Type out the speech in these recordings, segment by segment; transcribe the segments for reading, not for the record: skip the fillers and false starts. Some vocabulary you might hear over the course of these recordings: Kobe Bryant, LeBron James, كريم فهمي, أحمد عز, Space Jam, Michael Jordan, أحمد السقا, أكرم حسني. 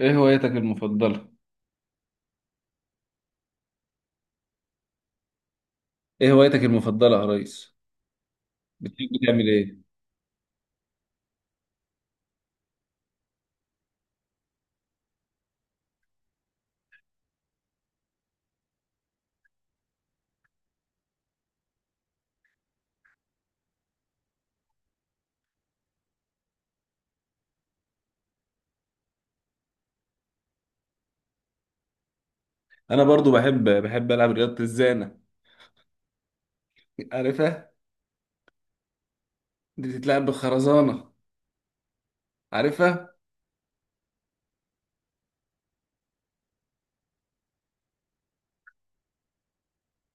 ايه هوايتك المفضلة؟ ايه هوايتك المفضلة يا ريس؟ بتحب تعمل ايه؟ انا برضو بحب العب رياضة الزانة. عارفها؟ دي بتتلعب بالخرزانة. عارفها؟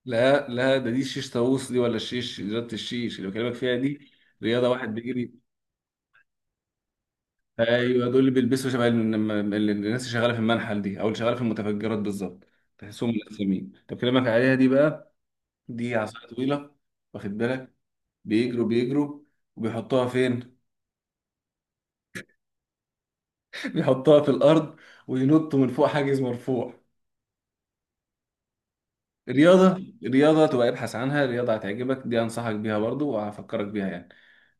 لا لا، ده دي الشيش طاووس دي، ولا الشيش، رياضة الشيش اللي بكلمك فيها دي، رياضة واحد بيجري. ايوه، دول اللي بيلبسوا شبه الناس اللي شغالة في المنحل دي، او اللي شغالة في المتفجرات بالظبط. تحسهم ملثمين. طب بكلمك عليها دي بقى. دي عصاية طويلة، واخد بالك، بيجروا بيجروا. وبيحطوها فين؟ يحطها في الارض وينط من فوق حاجز مرفوع. رياضه، رياضه تبقى ابحث عنها، رياضه هتعجبك دي، انصحك بيها برضو وهفكرك بيها يعني.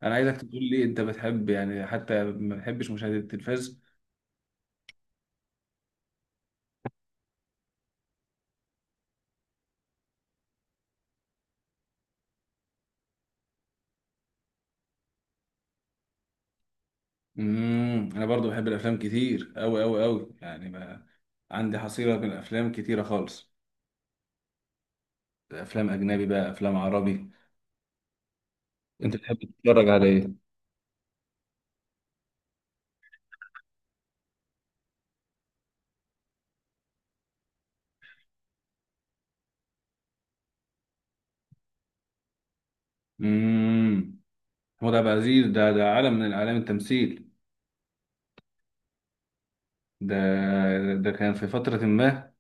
انا عايزك تقول لي انت بتحب يعني، حتى ما بتحبش مشاهده التلفاز؟ انا برضو بحب الافلام كتير اوي اوي اوي يعني. ما عندي حصيله من الافلام كتيره خالص. افلام اجنبي بقى، افلام عربي. انت بتحب تتفرج على ايه؟ امم، هو ده عبد العزيز ده عالم من اعلام التمثيل. ده ده كان في فتره ما،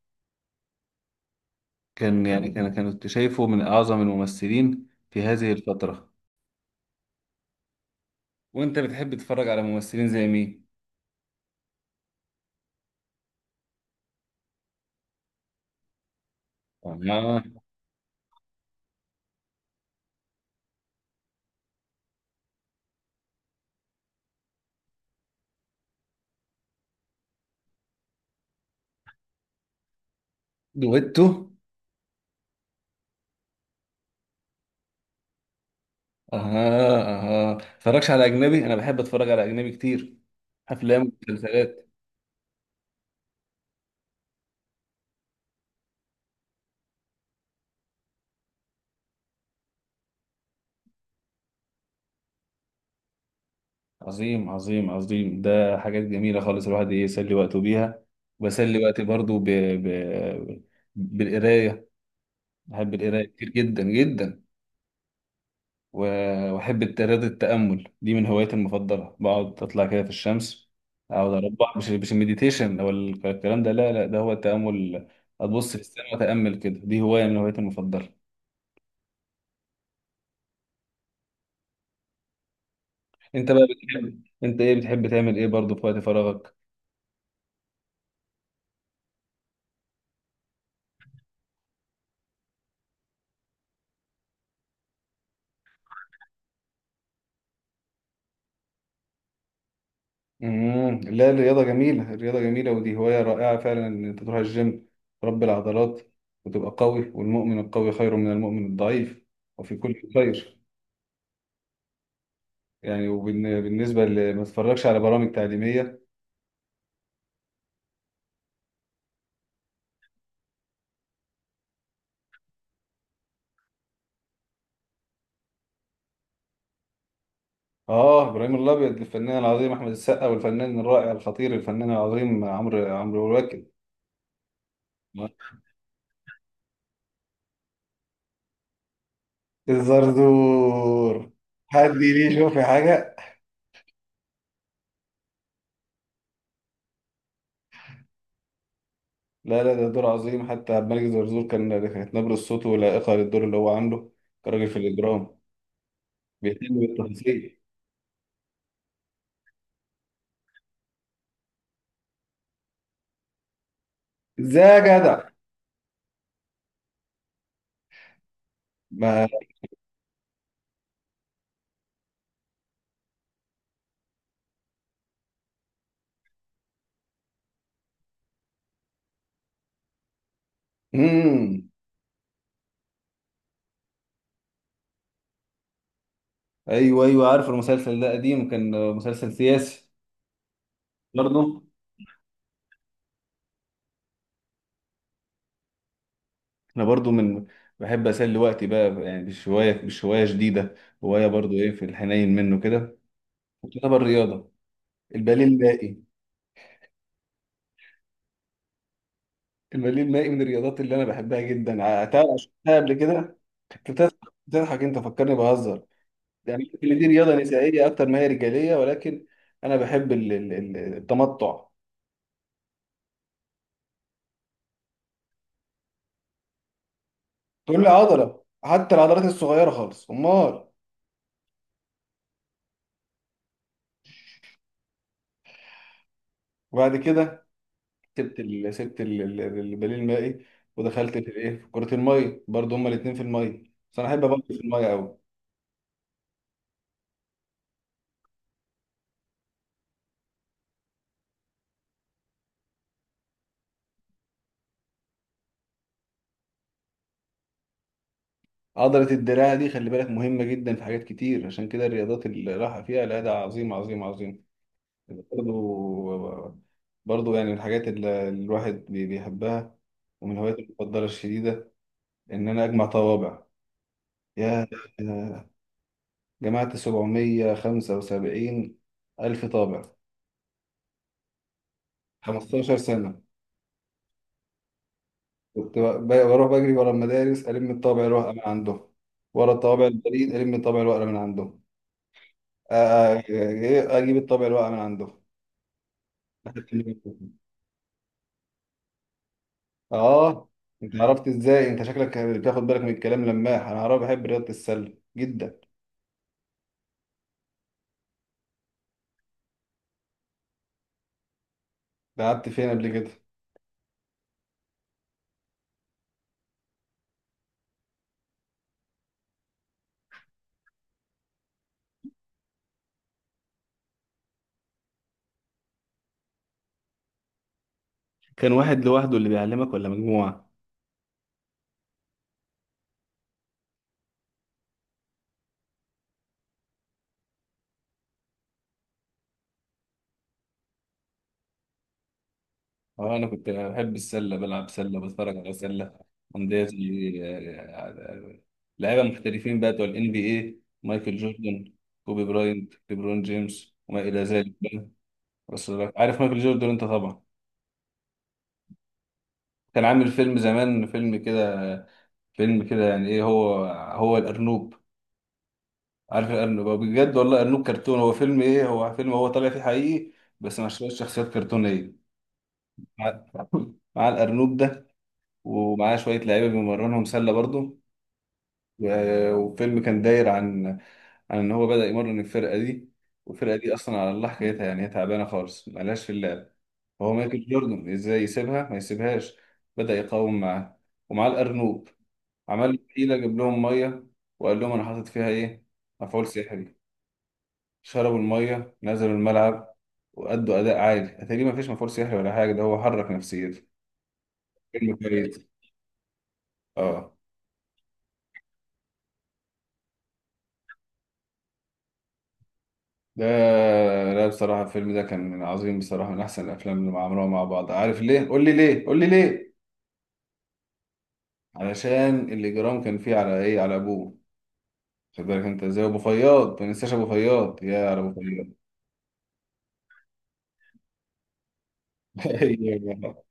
يعني كانت شايفه من أعظم الممثلين في هذه الفترة. وأنت بتحب تتفرج على ممثلين زي مين؟ آه. دويتو. أها أها، متفرجش على أجنبي؟ أنا بحب أتفرج على أجنبي كتير، أفلام ومسلسلات. عظيم عظيم عظيم، ده حاجات جميلة خالص الواحد يسلي وقته بيها. بسلي وقتي برضو بالقراية. بحب القراية كتير جدا جدا. و- وأحب الترياضة، التأمل دي من هواياتي المفضلة، بقعد أطلع كده في الشمس، أقعد أربع، مش المديتيشن أو الكلام ده، لا لا، ده هو التأمل. أبص في السماء وأتأمل كده، دي هواية من هواياتي المفضلة. أنت بقى بتحب، أنت إيه بتحب تعمل إيه برضه في وقت فراغك؟ امم، لا الرياضة جميلة، الرياضة جميلة، ودي هواية رائعة فعلا إن أنت تروح الجيم، تربي العضلات وتبقى قوي، والمؤمن القوي خير من المؤمن الضعيف، وفي كل خير. يعني وبالنسبة، اللي ما تتفرجش على برامج تعليمية؟ اه ابراهيم الابيض، الفنان العظيم احمد السقا، والفنان الرائع الخطير الفنان العظيم عمرو واكد. الزرزور. حد ليه يشوف في حاجه. لا لا، ده دور عظيم، حتى عبد الملك الزرزور كان، كانت نبره صوته لائقه للدور اللي هو عامله كراجل في الاجرام. بيهتم بالتفاصيل. ازاي يا جدع. ما. امم. ايوه ايوه، عارف المسلسل ده قديم كان، مسلسل سياسي. برضه. انا برضو من، بحب اسلي وقتي بقى يعني بالشويه بالشويه شديده. هوايه برضو، ايه، في الحنين منه كده. وطلب الرياضه، الباليه المائي. الباليه المائي من الرياضات اللي انا بحبها جدا، عتاها شفتها قبل كده. كنت بتضحك؟ بتضحك انت؟ فكرني بهزر يعني. اللي دي رياضه نسائيه اكتر ما هي رجاليه، ولكن انا بحب التمتع. تقول لي عضله، حتى العضلات الصغيره خالص، امال. وبعد كده البديل المائي، ودخلت في الايه، في كرة المية. برضو هما الاتنين في المية، بس انا احب ابطل في المية قوي. عضلة الدراع دي خلي بالك مهمة جدا في حاجات كتير، عشان كده الرياضات اللي راحة فيها، لا ده عظيم عظيم عظيم. برضو، برضو يعني من الحاجات اللي الواحد بيحبها. ومن هواياتي المفضلة الشديدة إن أنا أجمع طوابع. يا. جمعت 775 ألف طابع. 15 سنة. كنت بروح بجري ورا المدارس، ألم الطابع الورقة من عندهم، ورا الطوابع البريد ألم الطابع الورقة من عندهم. آ- آ- إيه، أجيب الطابع الورقة من عندهم. آه. أنت عرفت إزاي؟ أنت شكلك بتاخد بالك من الكلام، لماح. أنا عارف، بحب رياضة السلة جدا. لعبت فين قبل كده؟ كان واحد لوحده اللي بيعلمك ولا مجموعة؟ اه انا كنت بحب السله، بلعب سله، بتفرج على سله. عندي لعيبه محترفين بقى، بتوع الان بي اي، مايكل جوردن، كوبي براينت، ليبرون جيمس، وما الى ذلك بقى. بس، عارف مايكل جوردن انت طبعا؟ كان عامل فيلم زمان، فيلم كده، فيلم كده يعني، ايه هو، هو الارنوب. عارف الارنوب؟ هو بجد والله ارنوب كرتون، هو فيلم، ايه هو، فيلم هو طالع فيه حقيقي بس مع شويه شخصيات كرتونيه، مع مع الارنوب ده، ومعاه شويه لعيبه بيمرنهم سله برضه. و- وفيلم كان داير عن، عن ان هو بدأ يمرن الفرقه دي، والفرقه دي اصلا على الله حكايتها يعني، هي تعبانه خالص، ملهاش في اللعب. هو مايكل جوردن ازاي يسيبها ما يسيبهاش؟ بدأ يقاوم معاه، ومعاه الارنوب، عمل حيله، جاب لهم ميه وقال لهم انا حاطط فيها ايه، مفعول سحري. شربوا الميه، نزلوا الملعب، وأدوا أداء عالي. أتاري ما فيش مفعول سحري ولا حاجة، ده هو حرك نفسيته. فيلم كويس. اه. ده، لا بصراحة الفيلم ده كان عظيم بصراحة، من أحسن الأفلام اللي عملوها مع بعض. عارف ليه؟ قول لي ليه؟ قول لي ليه؟ علشان الإجرام كان فيه على إيه؟ على أبوه. خد بالك أنت إزاي أبو فياض، ما ننساش أبو فياض، يا على أبو فياض. أيوة.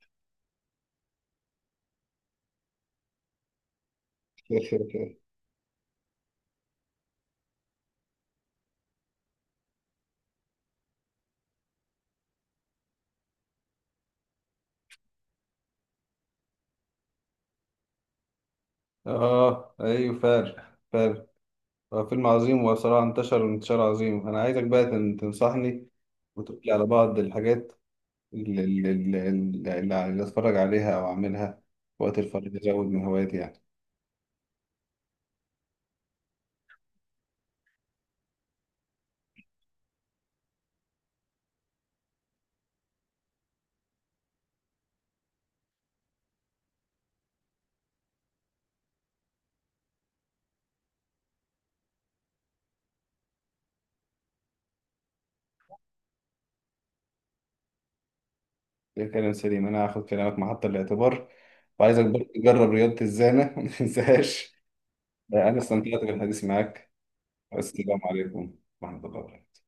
آه أيوه فعلا فعلا. هو فيلم عظيم، وبصراحة انتشر انتشار عظيم. أنا عايزك بقى تنصحني وتقول لي على بعض الحاجات اللي اللي أتفرج عليها أو أعملها وقت الفراغ، أزود من هواياتي يعني. ده كلام سليم، انا هاخد كلامك محط الاعتبار. وعايزك برضه تجرب رياضة الزانة ما تنساهاش. انا استمتعت بالحديث معاك، والسلام عليكم ورحمة الله وبركاته.